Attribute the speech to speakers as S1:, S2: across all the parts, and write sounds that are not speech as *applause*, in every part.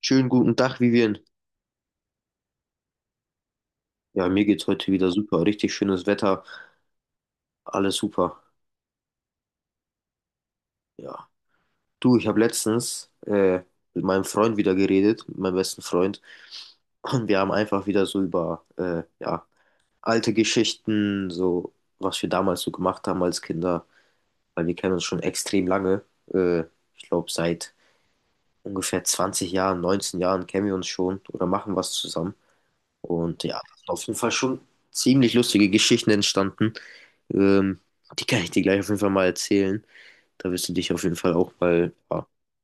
S1: Schönen guten Tag, Vivian. Ja, mir geht's heute wieder super. Richtig schönes Wetter, alles super. Ja. Du, ich habe letztens mit meinem Freund wieder geredet, mit meinem besten Freund. Und wir haben einfach wieder so über ja, alte Geschichten, so was wir damals so gemacht haben als Kinder, weil wir kennen uns schon extrem lange. Äh, Ich glaube, seit ungefähr 20 Jahren, 19 Jahren kennen wir uns schon oder machen was zusammen. Und ja, da sind auf jeden Fall schon ziemlich lustige Geschichten entstanden. Ähm, die kann ich dir gleich auf jeden Fall mal erzählen. Da wirst du dich auf jeden Fall auch mal ja, ein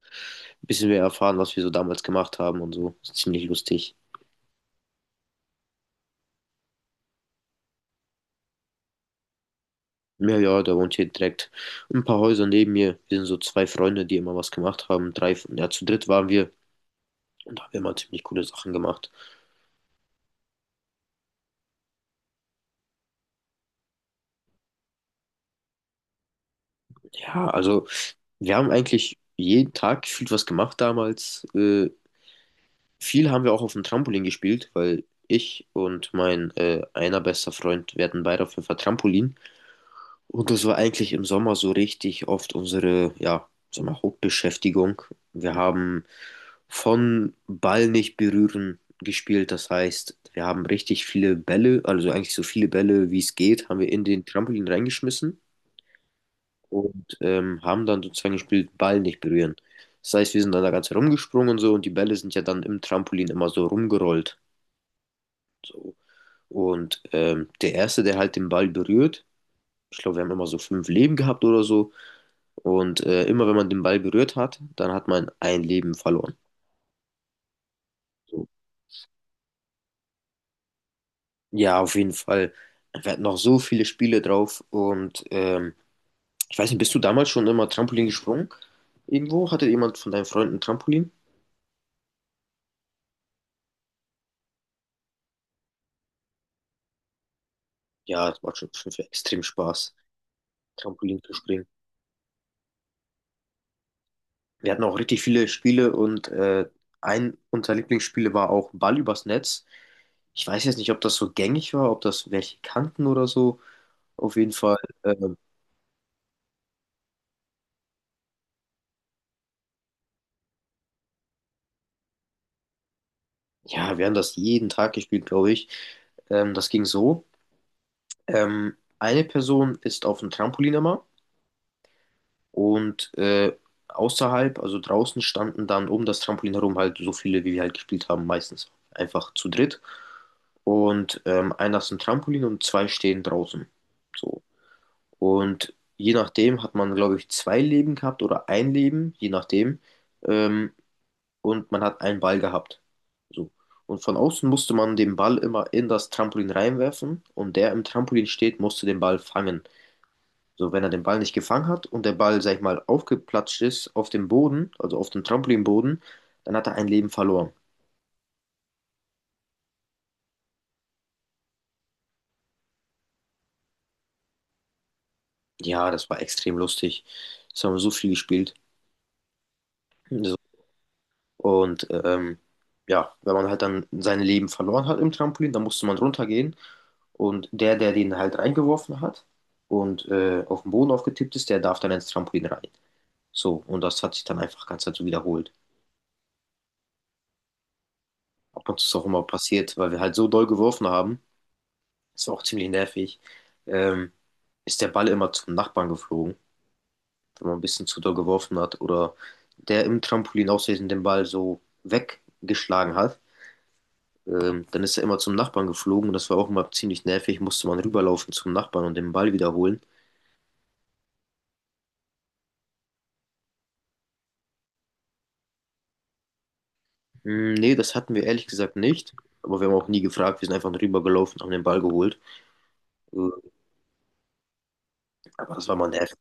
S1: bisschen mehr erfahren, was wir so damals gemacht haben und so. Ist ziemlich lustig. Ja, ja, da wohnt hier direkt ein paar Häuser neben mir. Wir sind so zwei Freunde, die immer was gemacht haben. Drei, ja, zu dritt waren wir und da haben wir immer ziemlich coole Sachen gemacht. Ja, also wir haben eigentlich jeden Tag gefühlt was gemacht damals. Viel haben wir auch auf dem Trampolin gespielt, weil ich und mein einer bester Freund, wir hatten beide auf jeden Fall Trampolin. Und das war eigentlich im Sommer so richtig oft unsere, ja, sagen wir, mal, Hauptbeschäftigung. Wir haben von Ball nicht berühren gespielt. Das heißt, wir haben richtig viele Bälle, also eigentlich so viele Bälle, wie es geht, haben wir in den Trampolin reingeschmissen und haben dann sozusagen gespielt, Ball nicht berühren. Das heißt, wir sind dann da ganz herumgesprungen und so und die Bälle sind ja dann im Trampolin immer so rumgerollt. So. Und der Erste, der halt den Ball berührt, ich glaube, wir haben immer so fünf Leben gehabt oder so, Und immer wenn man den Ball berührt hat, dann hat man ein Leben verloren. So. Ja, auf jeden Fall. Wir hatten noch so viele Spiele drauf. Und ich weiß nicht, bist du damals schon immer Trampolin gesprungen? Irgendwo? Hatte jemand von deinen Freunden Trampolin? Ja, das macht schon für extrem Spaß, Trampolin zu springen. Wir hatten auch richtig viele Spiele und ein unserer Lieblingsspiele war auch Ball übers Netz. Ich weiß jetzt nicht, ob das so gängig war, ob das welche kannten oder so. Auf jeden Fall. äh, Ja, wir haben das jeden Tag gespielt, glaube ich. Das ging so. Eine Person ist auf dem Trampolin immer und außerhalb, also draußen, standen dann um das Trampolin herum halt so viele, wie wir halt gespielt haben, meistens einfach zu dritt. Und einer ist im Trampolin und zwei stehen draußen. So. Und je nachdem hat man, glaube ich, zwei Leben gehabt oder ein Leben, je nachdem. Ähm, und man hat einen Ball gehabt. So. Und von außen musste man den Ball immer in das Trampolin reinwerfen und der im Trampolin steht, musste den Ball fangen. So, wenn er den Ball nicht gefangen hat und der Ball, sag ich mal, aufgeplatscht ist auf dem Boden, also auf dem Trampolinboden, dann hat er ein Leben verloren. Ja, das war extrem lustig. Das haben wir so viel gespielt. Das Und ja, wenn man halt dann sein Leben verloren hat im Trampolin, dann musste man runtergehen. Und der, der den halt reingeworfen hat und auf den Boden aufgetippt ist, der darf dann ins Trampolin rein. So, und das hat sich dann einfach ganz dazu wiederholt. Ab und zu ist auch immer passiert, weil wir halt so doll geworfen haben, das war auch ziemlich nervig, ähm, ist der Ball immer zum Nachbarn geflogen, wenn man ein bisschen zu doll geworfen hat oder der im Trampolin aus Versehen den Ball so weggeschlagen hat. Dann ist er immer zum Nachbarn geflogen und das war auch immer ziemlich nervig. Musste man rüberlaufen zum Nachbarn und den Ball wiederholen. Hm, nee, das hatten wir ehrlich gesagt nicht. Aber wir haben auch nie gefragt. Wir sind einfach rübergelaufen, haben den Ball geholt. Äh, aber das war mal nervig.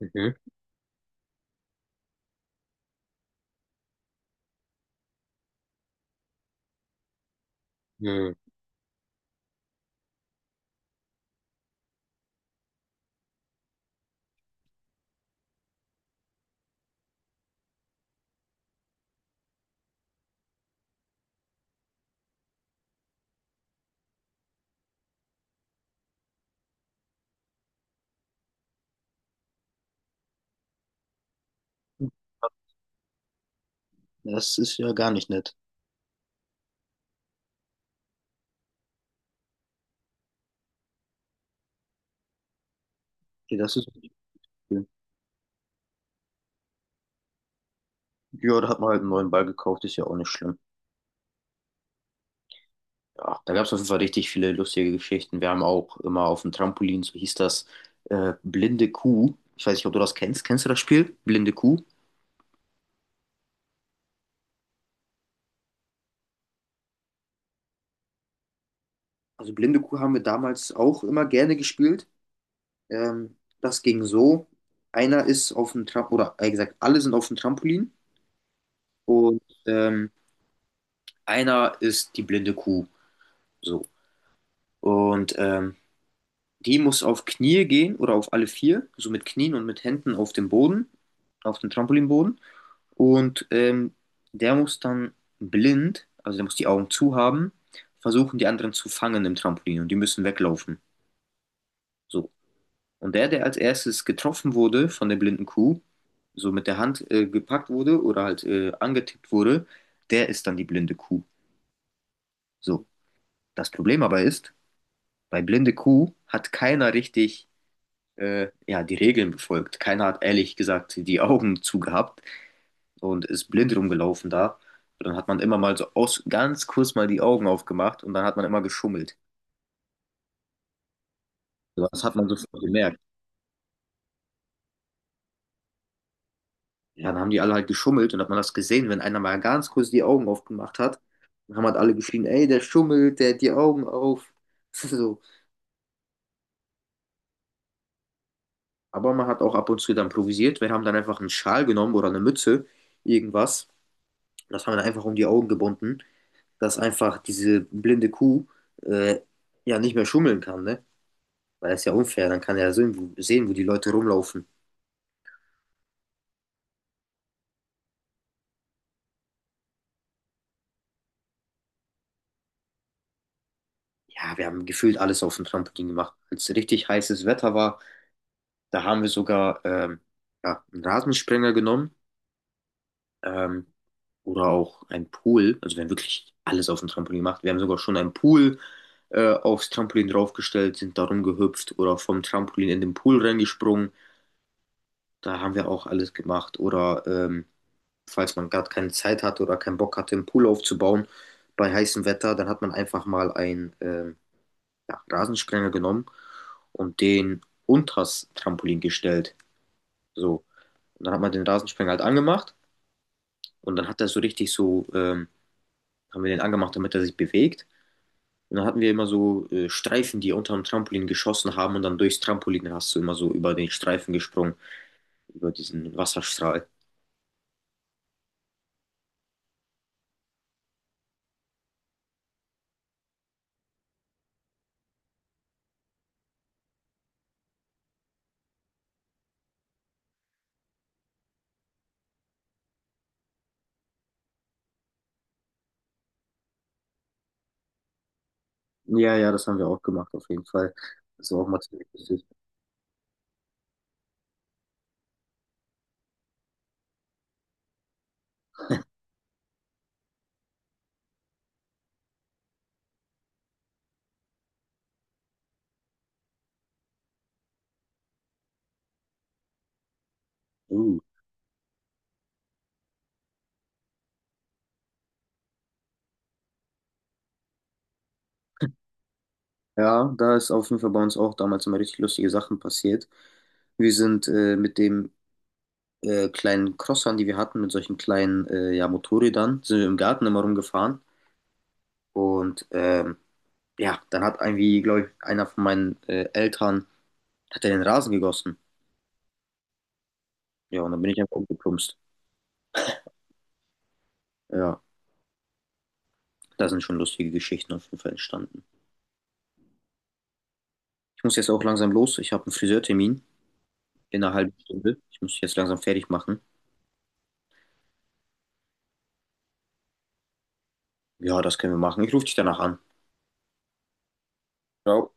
S1: Mhm. Mhm. Das ist ja gar nicht nett. Nee, das ist nicht cool. Ja, da hat man halt einen neuen Ball gekauft, ist ja auch nicht schlimm. Ja, da gab es auf jeden Fall richtig viele lustige Geschichten. Wir haben auch immer auf dem Trampolin, so hieß das, blinde Kuh. Ich weiß nicht, ob du das kennst. Kennst du das Spiel? Blinde Kuh? Also Blinde Kuh haben wir damals auch immer gerne gespielt. Das ging so. Einer ist auf dem Trampolin, oder eher gesagt, alle sind auf dem Trampolin und einer ist die blinde Kuh. So. Und die muss auf Knie gehen oder auf alle vier, so mit Knien und mit Händen auf dem Boden, auf dem Trampolinboden. Und der muss dann blind, also der muss die Augen zu haben, versuchen, die anderen zu fangen im Trampolin und die müssen weglaufen. So. Und der, der als erstes getroffen wurde von der blinden Kuh, so mit der Hand gepackt wurde oder halt angetippt wurde, der ist dann die blinde Kuh. So, das Problem aber ist, bei blinde Kuh hat keiner richtig ja, die Regeln befolgt. Keiner hat ehrlich gesagt die Augen zugehabt und ist blind rumgelaufen da. Und dann hat man immer mal so aus, ganz kurz mal die Augen aufgemacht und dann hat man immer geschummelt. So. Das hat man sofort gemerkt. Ja, dann haben die alle halt geschummelt und hat man das gesehen, wenn einer mal ganz kurz die Augen aufgemacht hat, dann haben halt alle geschrien, ey, der schummelt, der hat die Augen auf. *laughs* So. Aber man hat auch ab und zu dann improvisiert. Wir haben dann einfach einen Schal genommen oder eine Mütze, irgendwas. Das haben wir dann einfach um die Augen gebunden, dass einfach diese blinde Kuh äh, ja nicht mehr schummeln kann, ne? Weil das ist ja unfair, dann kann er ja sehen, sehen, wo die Leute rumlaufen. Ja, wir haben gefühlt alles auf dem Trampolin gemacht. Als richtig heißes Wetter war, da haben wir sogar ja, einen Rasensprenger genommen ähm, oder auch einen Pool. Also wir haben wirklich alles auf dem Trampolin gemacht. Wir haben sogar schon einen Pool aufs Trampolin draufgestellt, sind da rumgehüpft oder vom Trampolin in den Pool reingesprungen. Da haben wir auch alles gemacht. Oder falls man gerade keine Zeit hatte oder keinen Bock hatte, einen Pool aufzubauen bei heißem Wetter, dann hat man einfach mal einen ja, Rasensprenger genommen und den unters Trampolin gestellt. So. Und dann hat man den Rasensprenger halt angemacht und dann hat er so richtig so, haben wir den angemacht, damit er sich bewegt. Und dann hatten wir immer so Streifen, die unter dem Trampolin geschossen haben und dann durchs Trampolin hast du immer so über den Streifen gesprungen, über diesen Wasserstrahl. Ja, ja, das haben wir auch gemacht, auf jeden Fall. Das war auch mal ziemlich lustig. Uh. Ja, da ist auf jeden Fall bei uns auch damals immer richtig lustige Sachen passiert. Wir sind mit dem kleinen Crossern, die wir hatten, mit solchen kleinen ja, Motorrädern, sind wir im Garten immer rumgefahren. Und ja, dann hat irgendwie, glaube ich, einer von meinen Eltern, hat er den Rasen gegossen. Ja, und dann bin ich einfach umgeplumpst. Ja, da sind schon lustige Geschichten auf jeden Fall entstanden. Ich muss jetzt auch langsam los. Ich habe einen Friseurtermin in einer halben Stunde. Ich muss mich jetzt langsam fertig machen. Ja, das können wir machen. Ich rufe dich danach an. Ciao.